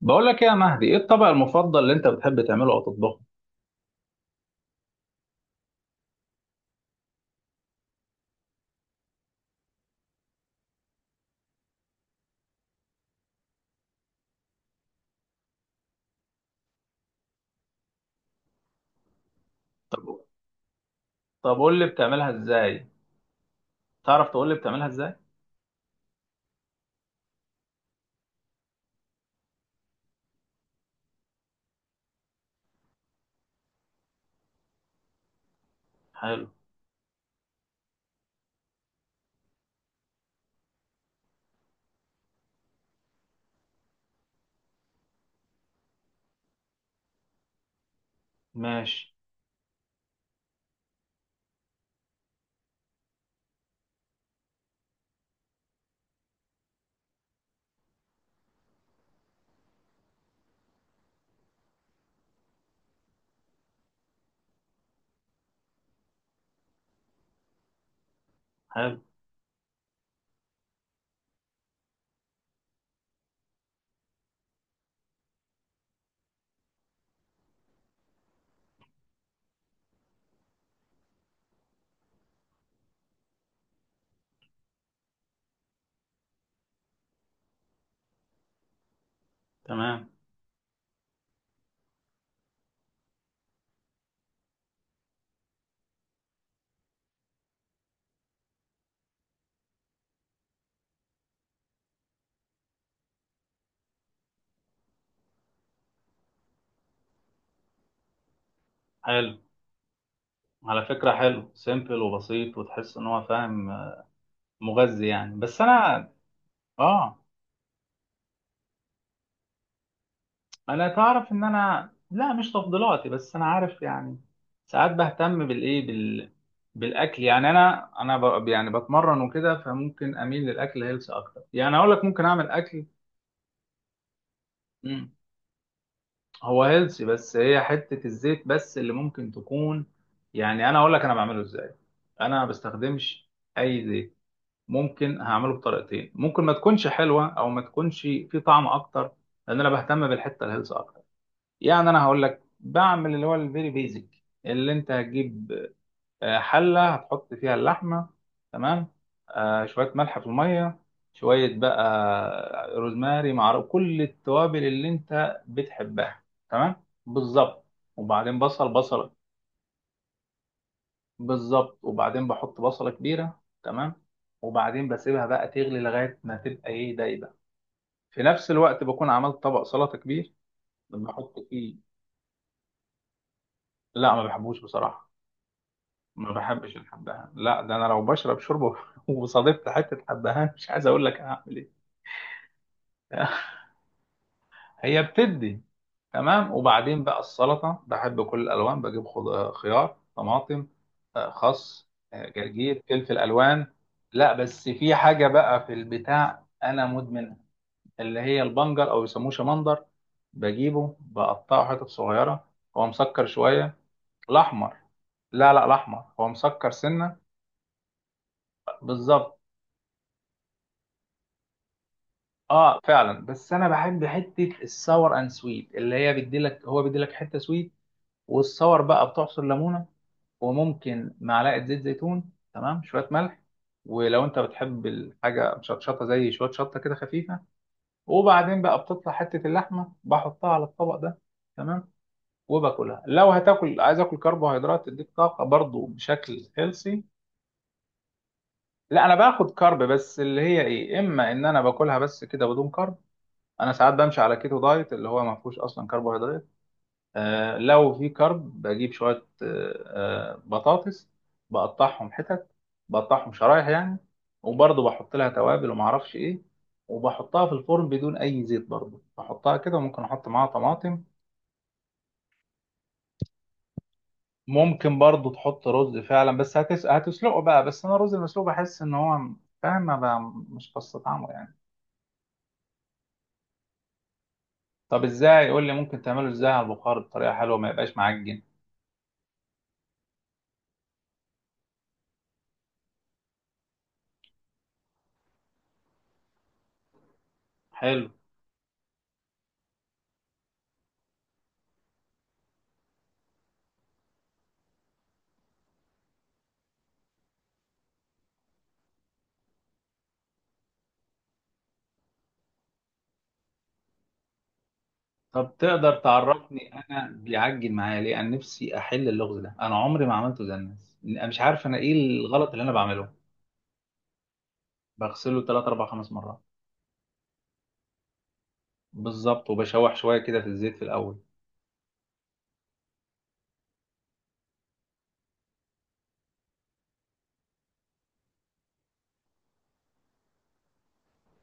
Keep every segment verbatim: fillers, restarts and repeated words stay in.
بقول لك إيه يا مهدي، ايه الطبق المفضل اللي انت بتحب تعمله او تطبخه؟ طب طب قول لي بتعملها ازاي؟ تعرف تقول لي بتعملها ازاي؟ حلو. ماشي. حلو. تمام. حلو. على فكرة حلو، سيمبل وبسيط وتحس ان هو فاهم. آه، مغذي يعني، بس انا اه انا تعرف ان انا، لا، مش تفضيلاتي بس انا عارف يعني. ساعات بهتم بالايه، بال بالاكل يعني. انا انا ب... يعني بتمرن وكده، فممكن اميل للاكل هيلث اكتر، يعني اقول لك ممكن اعمل اكل. هو هيلثي، بس هي حتة الزيت بس اللي ممكن تكون. يعني أنا أقول لك أنا بعمله إزاي. أنا ما بستخدمش أي زيت. ممكن هعمله بطريقتين، ممكن ما تكونش حلوة أو ما تكونش في طعم أكتر. لأن أنا بهتم بالحتة الهيلث أكتر. يعني أنا هقول لك بعمل اللي هو الفيري بيزك. اللي أنت هتجيب، آه، حلة هتحط فيها اللحمة. تمام. آه، شوية ملح في المية، شوية بقى روزماري مع كل التوابل اللي انت بتحبها. تمام بالظبط. وبعدين بصل بصلة. بالظبط، وبعدين بحط بصلة كبيرة. تمام. وبعدين بسيبها بقى تغلي لغاية ما تبقى ايه دايبة. في نفس الوقت بكون عملت طبق سلطة كبير بحط فيه. لا، ما بحبوش بصراحة. ما بحبش الحبهان. لا، ده انا لو بشرب شوربة وصادفت حتة حبهان مش عايز اقول لك هعمل ايه. هي بتدي. تمام. وبعدين بقى السلطه، بحب كل الالوان، بجيب خض- خيار، طماطم، آه، خس، آه، جرجير، فلفل الوان. لا، بس في حاجه بقى في البتاع انا مدمنها، اللي هي البنجر او يسموه شمندر. بجيبه، بقطعه حتت صغيره. هو مسكر شويه. الاحمر. لا، لا، الاحمر هو مسكر سنه. بالظبط. اه، فعلا. بس انا بحب حته الساور اند سويت، اللي هي بيديلك، هو بيديلك حته سويت. والصور بقى بتعصر ليمونه، وممكن معلقه زيت زيتون، تمام، شويه ملح. ولو انت بتحب الحاجه مشطشطه زي شويه شطه كده خفيفه. وبعدين بقى بتطلع حته اللحمه بحطها على الطبق ده. تمام. وباكلها. لو هتاكل عايز اكل كربوهيدرات تديك طاقه برضو بشكل هيلسي. لا، انا باخد كارب، بس اللي هي ايه، اما ان انا باكلها بس كده بدون كارب. انا ساعات بمشي على كيتو دايت اللي هو ما فيهوش اصلا كربوهيدرات. آه، لو في كرب بجيب شوية، آه، آه، بطاطس، بقطعهم حتت، بقطعهم شرايح يعني، وبرضه بحط لها توابل ومعرفش ايه، وبحطها في الفرن بدون اي زيت، برضه بحطها كده، وممكن احط معاها طماطم. ممكن برضه تحط رز فعلا، بس هتس... هتسلقه بقى، بس انا الرز المسلوق بحس ان هو، فاهم ما بقى، مش بستطعمه يعني. طب ازاي، يقول لي ممكن تعمله ازاي على البخار بطريقة حلوة ما يبقاش معجن؟ حلو. طب تقدر تعرفني انا بيعجل معايا ليه؟ انا نفسي احل اللغز ده، انا عمري ما عملته زي الناس، انا مش عارف انا ايه الغلط اللي انا بعمله. بغسله ثلاث، أربع، خمس مرات. بالظبط، وبشوح شويه كده في الزيت في الاول.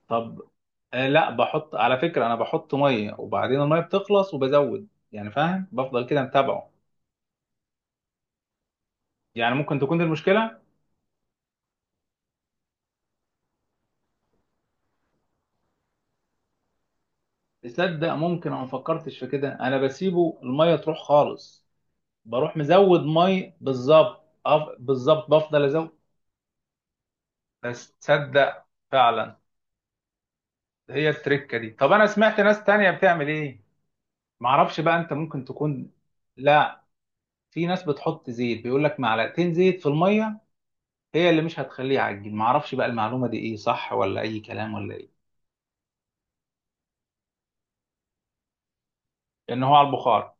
طب. آه، لا، بحط على فكره. انا بحط ميه وبعدين الميه بتخلص وبزود يعني، فاهم، بفضل كده متابعه. يعني ممكن تكون دي المشكله. تصدق، ممكن انا ما فكرتش في كده. انا بسيبه الميه تروح خالص، بروح مزود ميه، بالظبط، أف- بالظبط بفضل ازود. بس تصدق، فعلا هي التركه دي. طب انا سمعت ناس تانية بتعمل ايه؟ معرفش بقى، انت ممكن تكون. لا، في ناس بتحط زيت، بيقول لك معلقتين زيت في الميه، هي اللي مش هتخليه يعجن. معرفش بقى المعلومه دي ايه، صح ولا اي كلام ولا ايه. لان هو على البخار.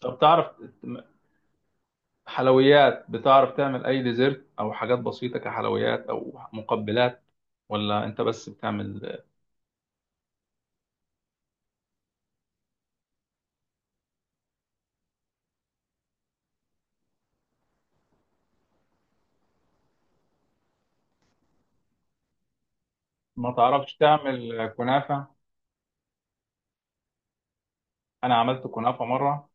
طب تعرف حلويات؟ بتعرف تعمل اي ديزرت او حاجات بسيطه كحلويات او مقبلات، ولا انت بس بتعمل؟ ما تعرفش تعمل كنافه؟ انا عملت كنافه مره.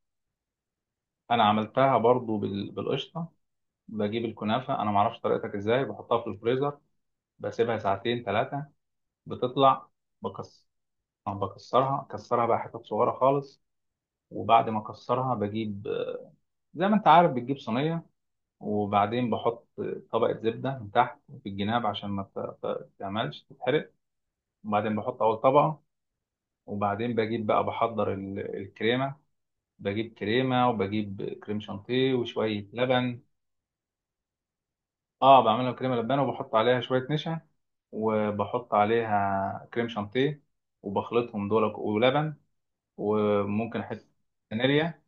انا عملتها برضو بال- بالقشطه. بجيب الكنافه، انا ما اعرفش طريقتك ازاي، بحطها في الفريزر، بسيبها ساعتين ثلاثه، بتطلع. بكسر بكسرها كسرها بقى حتت صغيره خالص. وبعد ما اكسرها، بجيب، زي ما انت عارف، بتجيب صينيه، وبعدين بحط طبقه زبده من تحت، في الجناب عشان ما ت- ت- تعملش تتحرق. وبعدين بحط اول طبقه. وبعدين بجيب بقى، بحضر ال- الكريمه، بجيب كريمه وبجيب كريم شانتيه وشويه لبن. اه، بعملها كريمه لبانه، وبحط عليها شويه نشا، وبحط عليها كريم شانتيه، وبخلطهم دول ولبن، وممكن حته فانيليا.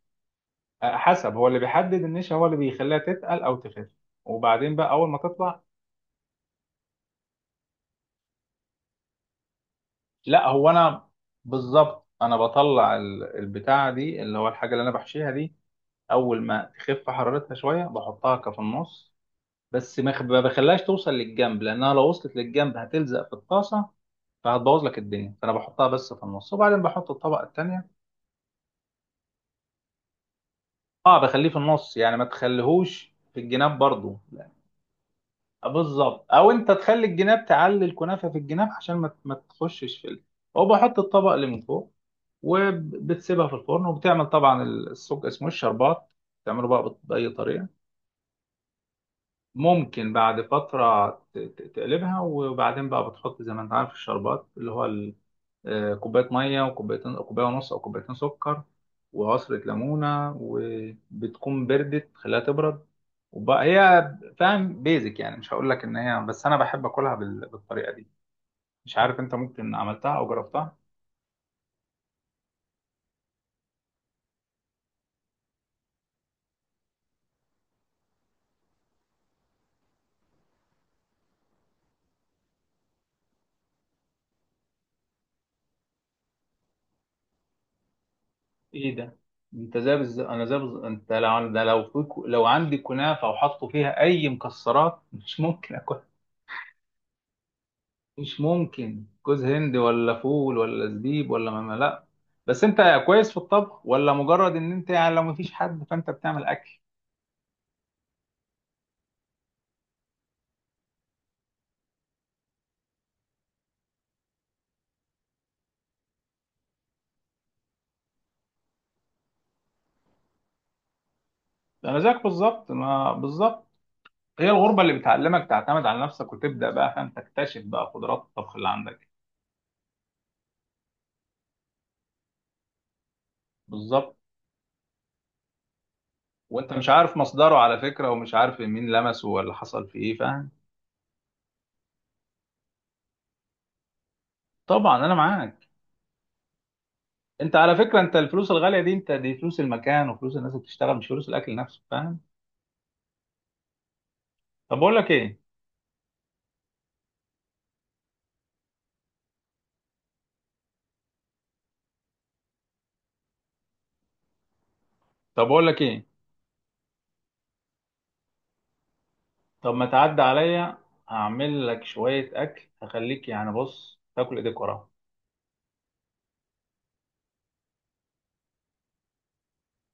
آه، حسب، هو اللي بيحدد النشا، هو اللي بيخليها تتقل او تخف. وبعدين بقى اول ما تطلع. لا، هو انا بالظبط، انا بطلع ال- البتاعه دي اللي هو الحاجه اللي انا بحشيها دي، اول ما تخف حرارتها شويه بحطها كفي النص. بس ما بخ- ما بخليهاش توصل للجنب، لانها لو وصلت للجنب هتلزق في الطاسه، فهتبوظ لك الدنيا، فانا بحطها بس في النص، وبعدين بحط الطبقه التانيه. اه، بخليه في النص يعني، ما تخليهوش في الجناب برضو. لا، بالظبط، او انت تخلي الجناب، تعلي الكنافه في الجناب عشان ما ما تخشش في ال- وبحط الطبق اللي من فوق، وبتسيبها في الفرن، وبتعمل طبعا السوق اسمه الشربات. تعمله بقى بط- باي طريقه. ممكن بعد فتره ت- ت- تقلبها، وبعدين بقى بتحط زي ما انت عارف الشربات، اللي هو آه، كوباية مية وكوبايتين، كوباية ونص أو كوبايتين سكر، وعصرة ليمونة، وبتكون بردت، خليها تبرد. وبقى هي، فاهم، بيزك يعني، مش هقول لك إن هي، بس أنا بحب أكلها بال- بالطريقة دي. مش عارف أنت ممكن عملتها أو جربتها. إيه ده؟ أنت زي بز... أنا زي بز... أنت لو ده لو في... لو عندي كنافة وحطوا فيها أي مكسرات مش ممكن. مش ممكن جوز هند ولا فول ولا زبيب ولا ما ما- لا. بس انت كويس في الطبخ، ولا مجرد ان انت يعني لو مفيش حد فانت بتعمل اكل؟ انا زيك بالظبط ما بالظبط. هي الغربه اللي بتعلمك تعتمد على نفسك، وتبدا بقى، فاهم، تكتشف بقى قدرات الطبخ اللي عندك. بالظبط. وانت مش عارف مصدره على فكره، ومش عارف مين لمسه ولا حصل فيه ايه، فاهم. طبعا انا معاك. انت على فكره، انت الفلوس الغاليه دي، انت دي فلوس المكان وفلوس الناس اللي بتشتغل، مش فلوس الاكل نفسه، فاهم. طب اقول لك ايه طب اقول لك ايه طب ما تعدي عليا. هعمل لك شوية أكل هخليك، يعني بص تاكل إيديك وراها.